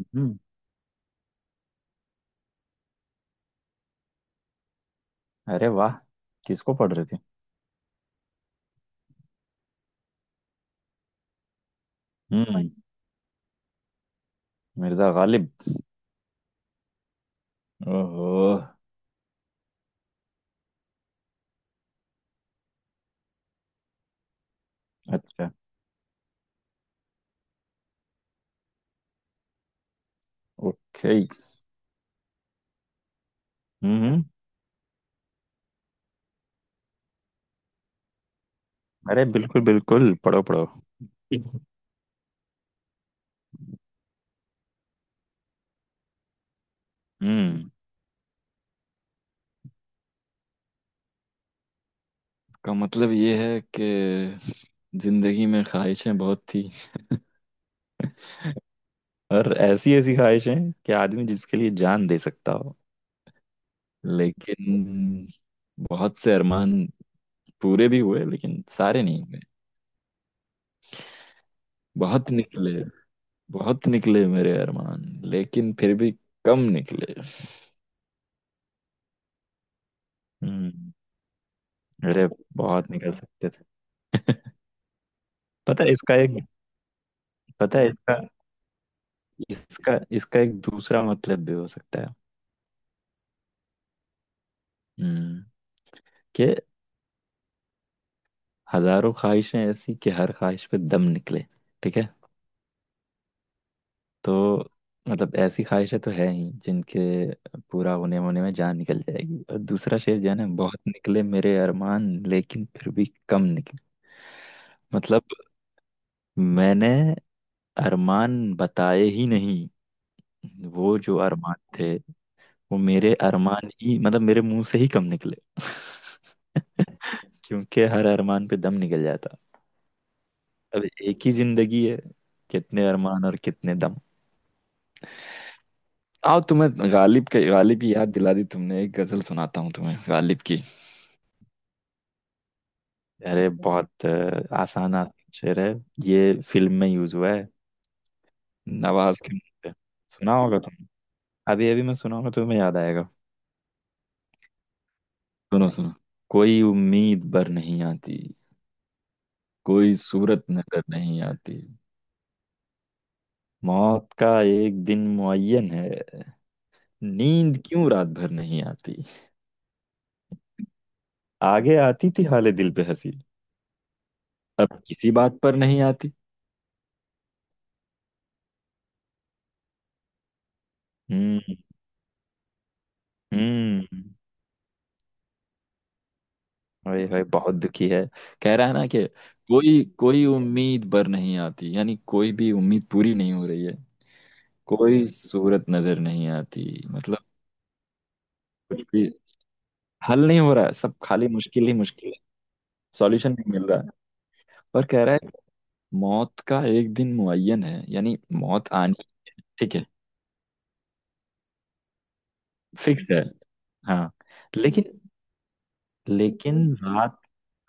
हम्म। अरे वाह। किसको पढ़ रहे थे? वही। हम्म। मिर्जा गालिब। ओहो। अच्छा। ओके। हम्म। अरे बिल्कुल बिल्कुल, पढ़ो पढ़ो। हम्म। का मतलब ये है कि जिंदगी में ख्वाहिशें बहुत थी, और ऐसी ऐसी ख्वाहिशें कि आदमी जिसके लिए जान दे सकता हो। लेकिन बहुत से अरमान पूरे भी हुए लेकिन सारे नहीं हुए। बहुत निकले, बहुत निकले मेरे अरमान, लेकिन फिर भी कम निकले। हम्म। अरे बहुत निकल सकते थे। पता है इसका एक पता है इसका इसका इसका एक दूसरा मतलब भी हो सकता है। हम्म। कि हजारों ख्वाहिशें ऐसी कि हर ख्वाहिश पे दम निकले, ठीक है। तो मतलब ऐसी ख्वाहिशें तो है ही जिनके पूरा होने होने में जान निकल जाएगी। और दूसरा शेर जो है ना, बहुत निकले मेरे अरमान लेकिन फिर भी कम निकले। मतलब मैंने अरमान बताए ही नहीं। वो जो अरमान थे वो मेरे अरमान ही मतलब मेरे मुंह से ही कम निकले। क्योंकि हर अरमान पे दम निकल जाता। अब एक ही जिंदगी है, कितने अरमान और कितने दम। आओ, तुम्हें गालिब की याद दिला दी तुमने, एक गजल सुनाता हूँ तुम्हें गालिब की। अरे बहुत आसान आसान शेर है। ये फिल्म में यूज हुआ है, नवाज के मुंह पे। सुना होगा तुम। अभी अभी मैं सुनाऊंगा, तुम्हें याद आएगा। सुनो सुनो। कोई उम्मीद बर नहीं आती, कोई सूरत नजर नहीं आती। मौत का एक दिन मुअय्यन है, नींद क्यों रात भर नहीं आती। आगे आती थी हाले दिल पे हंसी, अब किसी बात पर नहीं आती। हम्म। हम्म। ओए होए, बहुत दुखी है। कह रहा है ना कि कोई कोई उम्मीद पर नहीं आती, यानी कोई भी उम्मीद पूरी नहीं हो रही है। कोई सूरत नजर नहीं आती मतलब कुछ भी हल नहीं हो रहा है, सब खाली मुश्किल ही मुश्किल है। सॉल्यूशन नहीं मिल रहा है। और कह रहा है मौत का एक दिन मुअय्यन है, यानी मौत आनी, ठीक है, फिक्स है। हाँ, लेकिन लेकिन रात,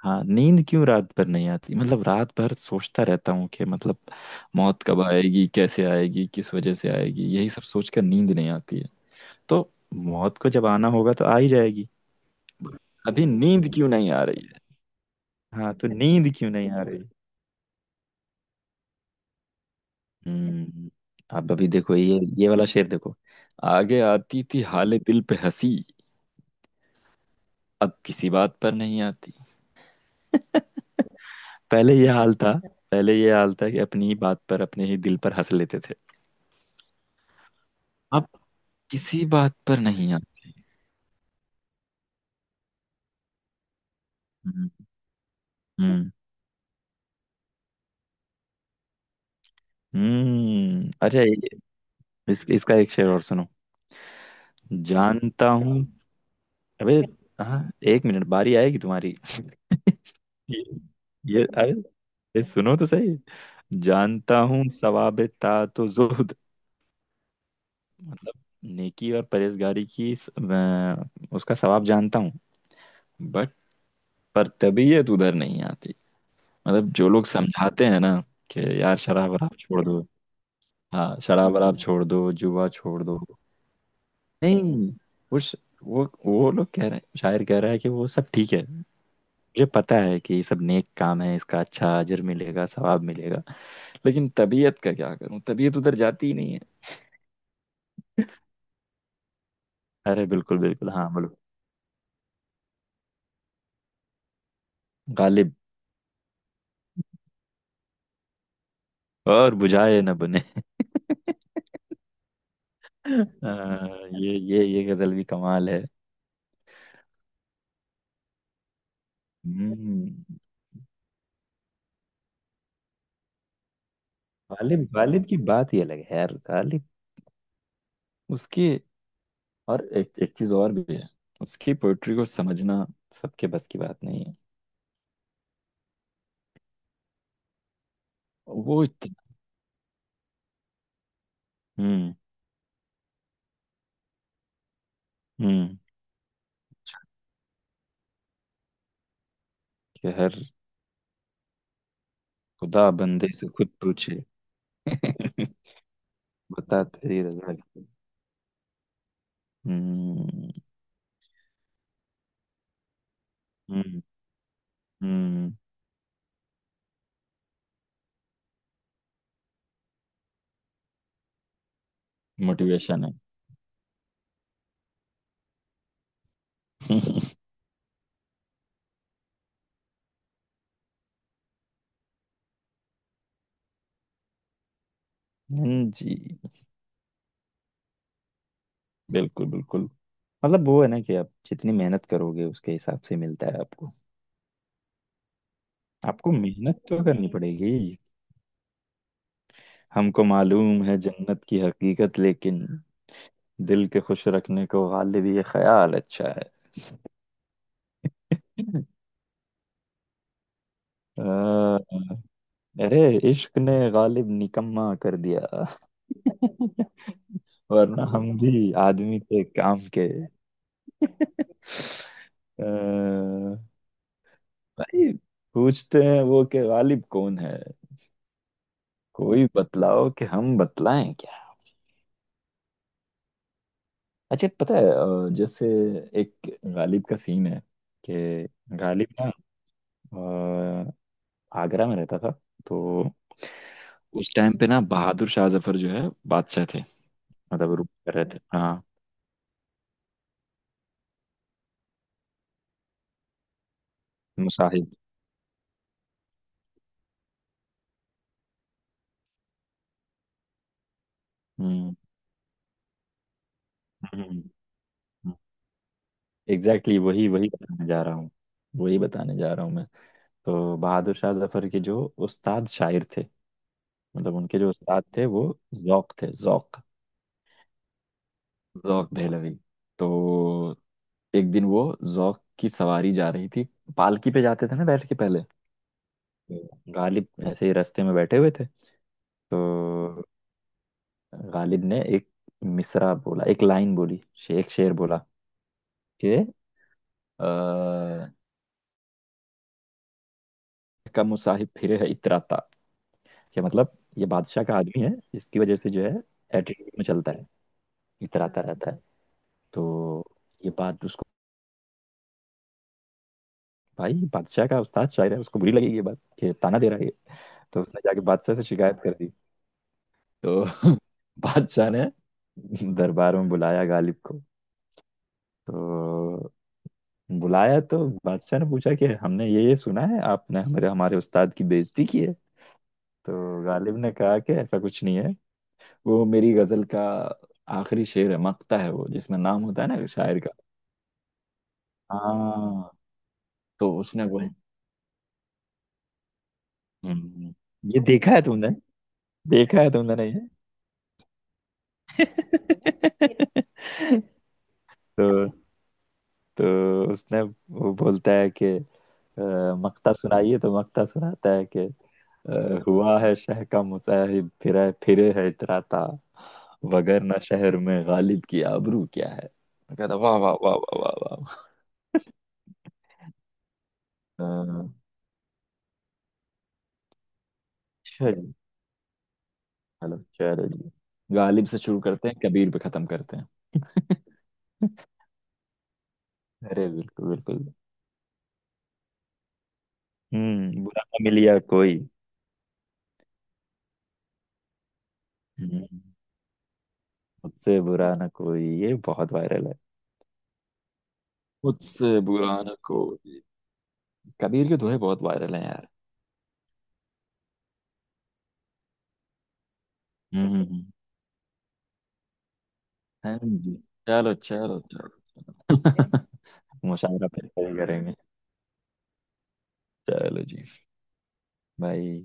हाँ, नींद क्यों रात भर नहीं आती। मतलब रात भर सोचता रहता हूँ कि मतलब मौत कब आएगी, कैसे आएगी, किस वजह से आएगी, यही सब सोचकर नींद नहीं आती है। तो मौत को जब आना होगा तो आ ही जाएगी। अभी नींद क्यों नहीं आ रही है। हाँ, तो नींद क्यों नहीं आ रही। हम्म। अब अभी देखो ये वाला शेर देखो। आगे आती थी हाले दिल पे हंसी, अब किसी बात पर नहीं आती। पहले ये हाल था पहले ये हाल था कि अपनी ही बात पर अपने ही दिल पर हंस लेते थे। आप किसी बात पर नहीं आते। हम्म, हम्म, हम्म। अच्छा। इसका एक शेर और सुनो। जानता हूँ। अबे, हाँ, एक मिनट, बारी आएगी तुम्हारी। ये अरे, ये सुनो तो सही। जानता हूँ सवाब तात तो जुहद, मतलब नेकी और परहेजगारी की उसका सवाब जानता हूँ। बट पर तबीयत उधर नहीं आती, मतलब जो लोग समझाते हैं ना कि यार शराब वराब छोड़ दो, हाँ शराब वराब छोड़ दो, जुआ छोड़ दो। नहीं, वो श- वो लोग कह रहे हैं, शायर कह रहा है कि वो सब ठीक है। मुझे पता है कि ये सब नेक काम है, इसका अच्छा अजर मिलेगा, सवाब मिलेगा, लेकिन तबीयत का क्या करूं, तबीयत उधर जाती ही नहीं है। अरे बिल्कुल बिल्कुल, हाँ बोलो। गालिब। और बुझाए न बने। हाँ, ये गजल भी कमाल है। हम्म। गालिब, गालिब की बात ही अलग है यार, गालिब। उसकी, और एक चीज और भी है, उसकी पोइट्री को समझना सबके बस की बात नहीं है। वो। हम्म। हम्म। कि हर खुदा बंदे से खुद पूछे। बता तेरी रजा क्या? हम्म। हम्म। हम्म। मोटिवेशन है। जी। बिल्कुल बिल्कुल। मतलब वो है ना कि आप जितनी मेहनत करोगे उसके हिसाब से मिलता है आपको, आपको मेहनत तो करनी पड़ेगी। हमको मालूम है जन्नत की हकीकत, लेकिन दिल के खुश रखने को गालिब ये ख्याल अच्छा है। अ, अरे, इश्क ने गालिब निकम्मा कर दिया, वरना हम भी आदमी थे काम के। अ, भाई, पूछते हैं वो कि गालिब कौन है, कोई बतलाओ कि हम बतलाएं क्या। अच्छा, पता है, जैसे एक गालिब का सीन है कि गालिब ना अ, आगरा में रहता था। तो उस टाइम पे ना बहादुर शाह जफर जो है बादशाह थे, मतलब रूल कर रहे थे। हाँ, मुसाहिब। हम्म। हम्म। एग्जैक्टली, वही वही बताने जा रहा हूँ, वही बताने जा रहा हूँ मैं। तो बहादुर शाह जफर के जो उस्ताद शायर थे, मतलब उनके जो उस्ताद थे वो जौक थे, जौक, जौक दहलवी। तो एक दिन वो जौक की सवारी जा रही थी, पालकी पे जाते थे ना बैठ के पहले। तो गालिब ऐसे ही रास्ते में बैठे हुए थे। तो गालिब ने एक मिसरा बोला, एक लाइन बोली, एक शेर बोला कि अ, कम मुसाहिब फिरे है इतराता। क्या मतलब ये बादशाह का आदमी है, इसकी वजह से जो है एटीट्यूड में चलता है, इतराता रहता है। तो ये बात उसको, भाई बादशाह का उस्ताद शायर है, उसको बुरी लगेगी ये बात कि ताना दे रहा है ये। तो उसने जाके बादशाह से शिकायत कर दी। तो बादशाह ने दरबार में बुलाया गालिब को। तो बुलाया, तो बादशाह ने पूछा कि हमने ये सुना है आपने हमारे हमारे उस्ताद की बेइज्जती की है। तो गालिब ने कहा कि ऐसा कुछ नहीं है, वो मेरी गजल का आखिरी शेर है, मक्ता है वो जिसमें नाम होता है ना शायर का। हाँ, तो उसने वो, हम्म, ये देखा है तुमने? देखा है तुमने, नहीं। तो तो उसने वो बोलता है कि मक्ता सुनाइए। तो मक्ता सुनाता है कि हुआ है शह का मुसाहिब, फिरे फिरे है इतराता, वगर ना शहर में गालिब की आबरू क्या है। मैं कहता वाह वाह वाह वाह वाह वाह वाह। अच्छा। हेलो, चलो जी, गालिब से शुरू करते हैं, कबीर पे खत्म करते हैं। अरे बिल्कुल बिल्कुल। हम्म। बुरा ना मिलिया कोई। हम्म, मुझसे बुरा ना कोई, ये बहुत वायरल है। मुझसे बुरा न कोई। कबीर के दोहे बहुत वायरल हैं यार। हम्म। हम्म। हैं जी। चलो चलो चलो। मुशायरा फिर कभी करेंगे। चलो जी। भाई।